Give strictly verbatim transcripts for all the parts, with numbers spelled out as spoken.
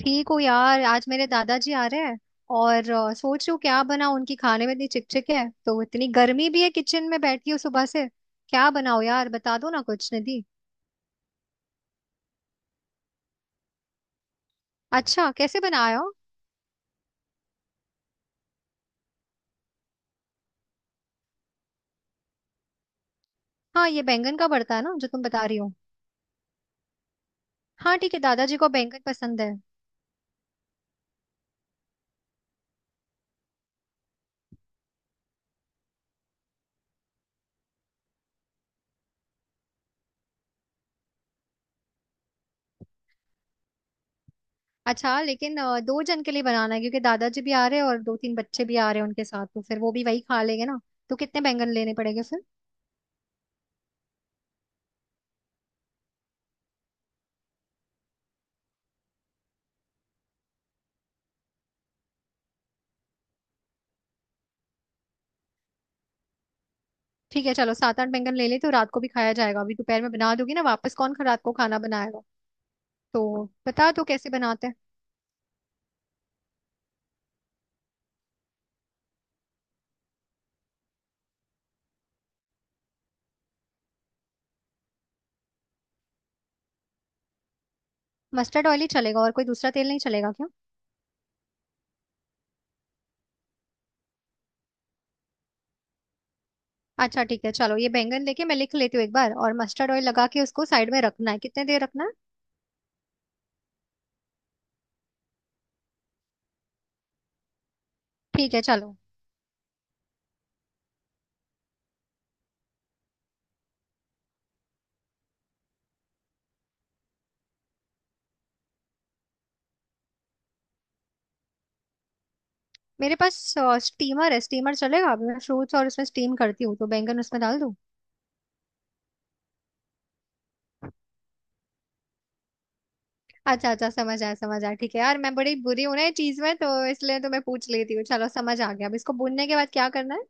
ठीक हूँ यार, आज मेरे दादाजी आ रहे हैं। और अ, सोच रही हूँ क्या बनाऊँ। उनकी खाने में इतनी चिकचिक है, तो इतनी गर्मी भी है, किचन में बैठी हूँ सुबह से। क्या बनाऊँ यार, बता दो ना कुछ, निधि। अच्छा, कैसे बनाया हो? हाँ, ये बैंगन का भरता है ना जो तुम बता रही हो। हाँ ठीक है, दादाजी को बैंगन पसंद है। अच्छा लेकिन अ, दो जन के लिए बनाना है, क्योंकि दादाजी भी आ रहे हैं और दो तीन बच्चे भी आ रहे हैं उनके साथ, तो फिर वो भी वही खा लेंगे ना। तो कितने बैंगन लेने पड़ेंगे फिर? ठीक है, चलो सात आठ बैंगन ले ले, तो रात को भी खाया जाएगा। अभी दोपहर में बना दोगी ना, वापस कौन खा- रात को खाना बनाएगा। तो बता दो कैसे बनाते हैं। मस्टर्ड ऑयल ही चलेगा, और कोई दूसरा तेल नहीं चलेगा क्या? अच्छा ठीक है चलो, ये बैंगन लेके मैं लिख लेती हूँ एक बार। और मस्टर्ड ऑयल लगा के उसको साइड में रखना है, कितने देर रखना है? ठीक है चलो। मेरे पास अ, स्टीमर है, स्टीमर चलेगा? अभी मैं फ्रूट्स और उसमें स्टीम करती हूँ, तो बैंगन उसमें डाल दूँ? अच्छा अच्छा, समझ आया समझ आया। ठीक है यार, मैं बड़ी बुरी हूँ ना ये चीज में, तो इसलिए तो मैं पूछ लेती हूँ। चलो समझ आ गया। अब इसको भूनने के बाद क्या करना है?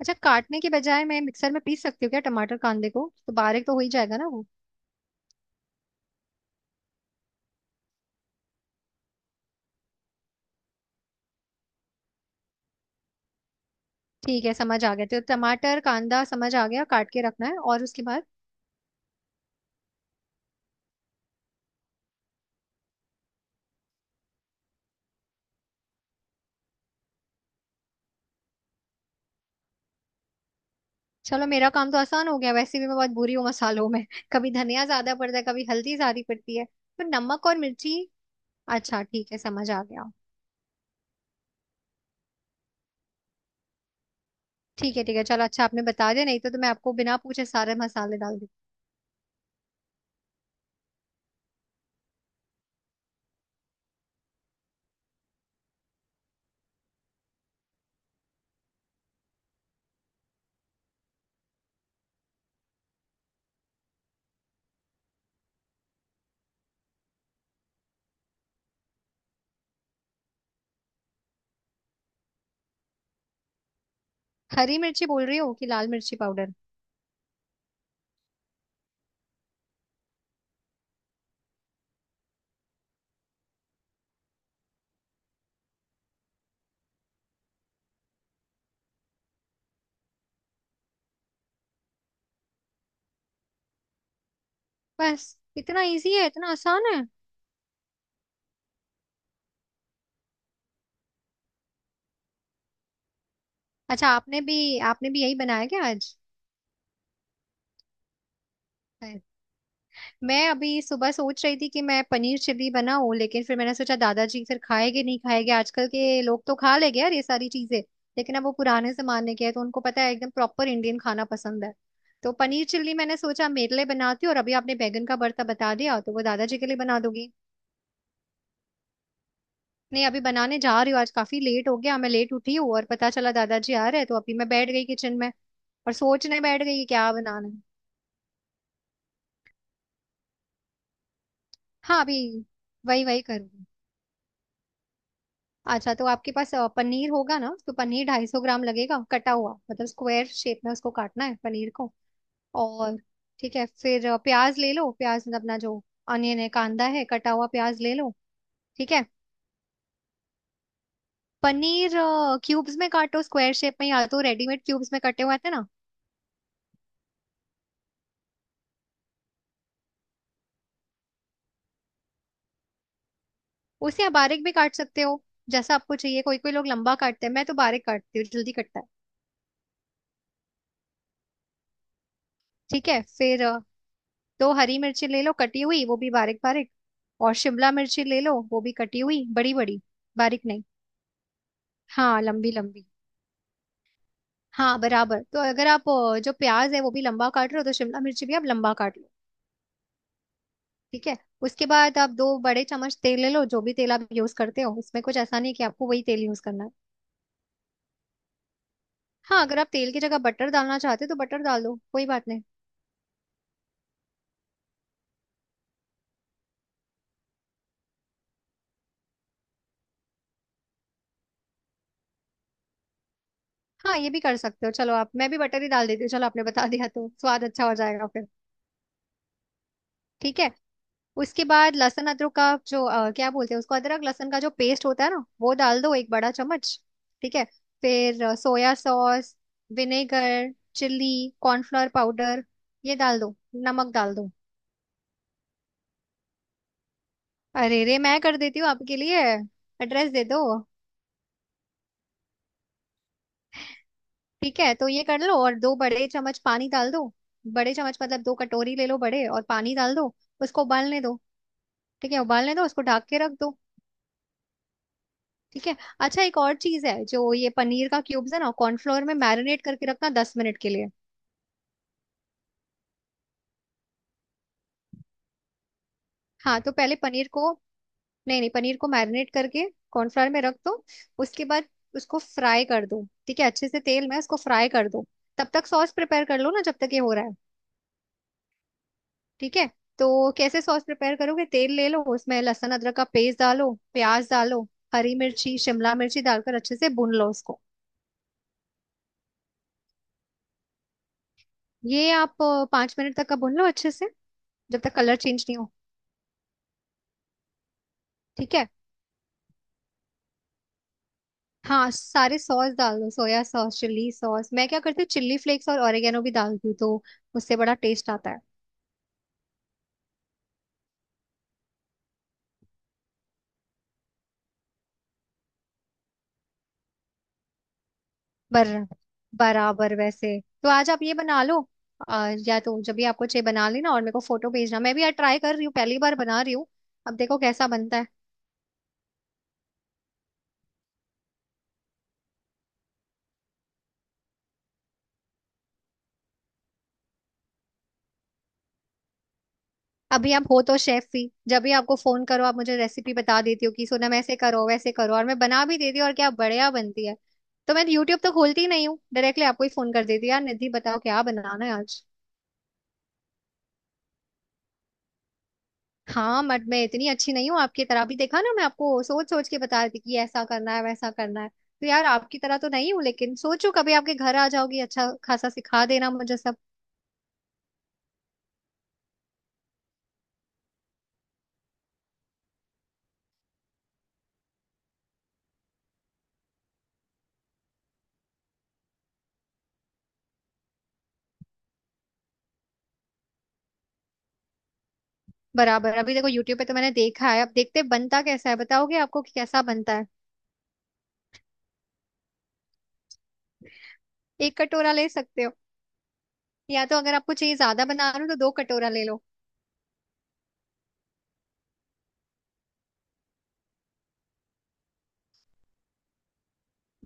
अच्छा, काटने के बजाय मैं मिक्सर में पीस सकती हूँ क्या टमाटर कांदे को? तो बारीक तो हो ही जाएगा ना वो। ठीक है समझ आ गया, तो टमाटर कांदा समझ आ गया, काट के रखना है। और उसके बाद? चलो मेरा काम तो आसान हो गया। वैसे भी मैं बहुत बुरी हूँ मसालों में। कभी धनिया ज्यादा पड़ता है, कभी हल्दी ज्यादा पड़ती है, तो नमक और मिर्ची। अच्छा ठीक है, समझ आ गया। ठीक है ठीक है चलो, अच्छा आपने बता दिया, नहीं तो, तो मैं आपको बिना पूछे सारे मसाले डाल दी। हरी मिर्ची बोल रही हो कि लाल मिर्ची पाउडर? बस इतना इजी है, इतना आसान है। अच्छा, आपने भी आपने भी यही बनाया क्या आज? मैं अभी सुबह सोच रही थी कि मैं पनीर चिल्ली बनाऊं, लेकिन फिर मैंने सोचा दादाजी फिर खाएंगे नहीं खाएंगे। आजकल के लोग तो खा लेंगे यार ये सारी चीजें, लेकिन अब वो पुराने जमाने के हैं, तो उनको पता है एकदम प्रॉपर इंडियन खाना पसंद है। तो पनीर चिल्ली मैंने सोचा मेरे लिए बनाती हूँ, और अभी आपने बैगन का भरता बता दिया तो वो दादाजी के लिए बना दोगी। नहीं, अभी बनाने जा रही हूँ। आज काफी लेट हो गया, मैं लेट उठी हूँ, और पता चला दादाजी आ रहे हैं, तो अभी मैं बैठ गई किचन में और सोचने बैठ गई कि क्या बनाना है। हाँ अभी। वही वही करूंगी। अच्छा तो आपके पास अ, पनीर होगा ना, तो पनीर ढाई सौ ग्राम लगेगा, कटा हुआ, मतलब स्क्वायर शेप में उसको काटना है पनीर को। और ठीक है, फिर अ, प्याज ले लो। प्याज मतलब अपना जो अनियन है, कांदा है, कटा हुआ प्याज ले लो। ठीक है। पनीर क्यूब्स में काटो, स्क्वायर शेप में, या तो रेडीमेड क्यूब्स में कटे हुए आते हैं ना। उसे आप बारीक भी काट सकते हो, जैसा आपको चाहिए। कोई कोई लोग लंबा काटते हैं, मैं तो बारीक काटती हूँ, जल्दी कटता है। ठीक है, फिर अ, दो हरी मिर्ची ले लो कटी हुई, वो भी बारीक बारीक। और शिमला मिर्ची ले लो, वो भी कटी हुई, बड़ी बड़ी, बारीक नहीं। हाँ, लंबी लंबी। हाँ बराबर, तो अगर आप अ, जो प्याज है वो भी लंबा काट रहे हो, तो शिमला मिर्ची भी आप लंबा काट लो। ठीक है। उसके बाद आप दो बड़े चम्मच तेल ले लो, जो भी तेल आप यूज करते हो, उसमें कुछ ऐसा नहीं कि आपको वही तेल यूज करना है। हाँ, अगर आप तेल की जगह बटर डालना चाहते हो, तो बटर डाल दो, कोई बात नहीं। हाँ, ये भी कर सकते हो। चलो आप, मैं भी बटर ही डाल देती हूँ, चलो आपने बता दिया तो स्वाद अच्छा हो जाएगा फिर। ठीक है। उसके बाद लहसुन अदरक का जो अ, क्या बोलते हैं उसको, अदरक लहसुन का जो पेस्ट होता है ना, वो डाल दो, एक बड़ा चम्मच। ठीक है। फिर अ, soya sauce, vinegar, chilli, cornflour powder, ये डाल दो। नमक डाल दो। अरे रे, मैं कर देती हूँ आपके लिए। एड्रेस दे दो। ठीक है, तो ये कर लो, और दो बड़े चम्मच पानी डाल दो। बड़े चम्मच मतलब दो कटोरी ले लो बड़े, और पानी डाल दो। उसको उबालने दो। ठीक है, उबालने दो, उसको ढक के रख दो। ठीक है। अच्छा एक और चीज है, जो ये पनीर का क्यूब्स है ना, कॉर्नफ्लोर में मैरिनेट करके रखना दस मिनट के लिए। हाँ तो पहले पनीर को, नहीं नहीं, पनीर को मैरिनेट करके कॉर्नफ्लोर में रख दो। उसके बाद उसको फ्राई कर दो। ठीक है, अच्छे से तेल में उसको फ्राई कर दो। तब तक सॉस प्रिपेयर कर लो ना, जब तक ये हो रहा है। ठीक है। तो कैसे सॉस प्रिपेयर करोगे, तेल ले लो, उसमें लहसुन अदरक का पेस्ट डालो, प्याज डालो, हरी मिर्ची, शिमला मिर्ची डालकर अच्छे से भून लो उसको। ये आप अ, पाँच मिनट तक का भून लो अच्छे से, जब तक कलर चेंज नहीं हो। ठीक है। हाँ, सारे सॉस डाल दो, सोया सॉस, चिल्ली सॉस। मैं क्या करती हूँ, चिल्ली फ्लेक्स और ऑरिगेनो भी डालती हूँ, तो उससे बड़ा टेस्ट आता है। बर बराबर। वैसे तो आज आप ये बना लो। आ, या तो जब भी आपको चाहिए बना लेना, और मेरे को फोटो भेजना। मैं भी यार ट्राई कर रही हूँ, पहली बार बना रही हूँ। अब देखो कैसा बनता है। अभी आप हो तो शेफ ही, जब भी आपको फोन करो, आप मुझे रेसिपी बता देती हो, कि सोनम ऐसे करो वैसे करो, और मैं बना भी देती हूँ, और क्या बढ़िया बनती है। तो मैं यूट्यूब तो खोलती ही नहीं हूँ, डायरेक्टली आपको ही फोन कर देती हूँ, यार निधि बताओ क्या बनाना है आज। हाँ, बट मैं इतनी अच्छी नहीं हूँ आपकी तरह भी, देखा ना मैं आपको सोच सोच के बता रही थी कि ऐसा करना है वैसा करना है। तो यार आपकी तरह तो नहीं हूँ, लेकिन सोचो कभी आपके घर आ जाओगी, अच्छा खासा सिखा देना मुझे सब। बराबर, अभी देखो यूट्यूब पे तो मैंने देखा है, अब देखते हैं बनता कैसा है, बताओगे आपको कि कैसा बनता है। एक कटोरा ले सकते हो, या तो अगर आपको चाहिए ज्यादा बना रहे हो तो दो कटोरा ले लो।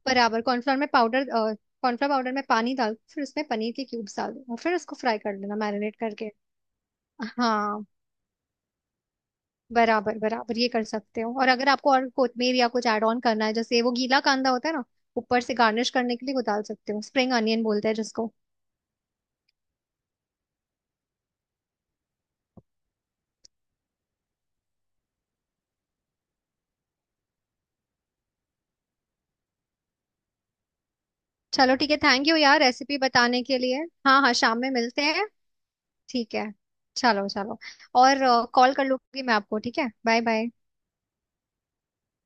बराबर, कॉर्नफ्लोर में पाउडर, कॉर्नफ्लोर पाउडर में पानी डाल, फिर उसमें पनीर के क्यूब्स डाल दो, और फिर उसको फ्राई कर लेना मैरिनेट करके। हाँ। बराबर बराबर, ये कर सकते हो। और अगर आपको और कोथमीर या कुछ ऐड ऑन करना है, जैसे वो गीला कांदा होता है ना, ऊपर से गार्निश करने के लिए, वो डाल सकते हो, स्प्रिंग अनियन बोलते हैं जिसको। चलो ठीक है, थैंक यू यार रेसिपी बताने के लिए। हाँ हाँ, शाम में मिलते हैं। ठीक है, चलो चलो। और कॉल कर लूंगी मैं आपको, ठीक है, बाय बाय।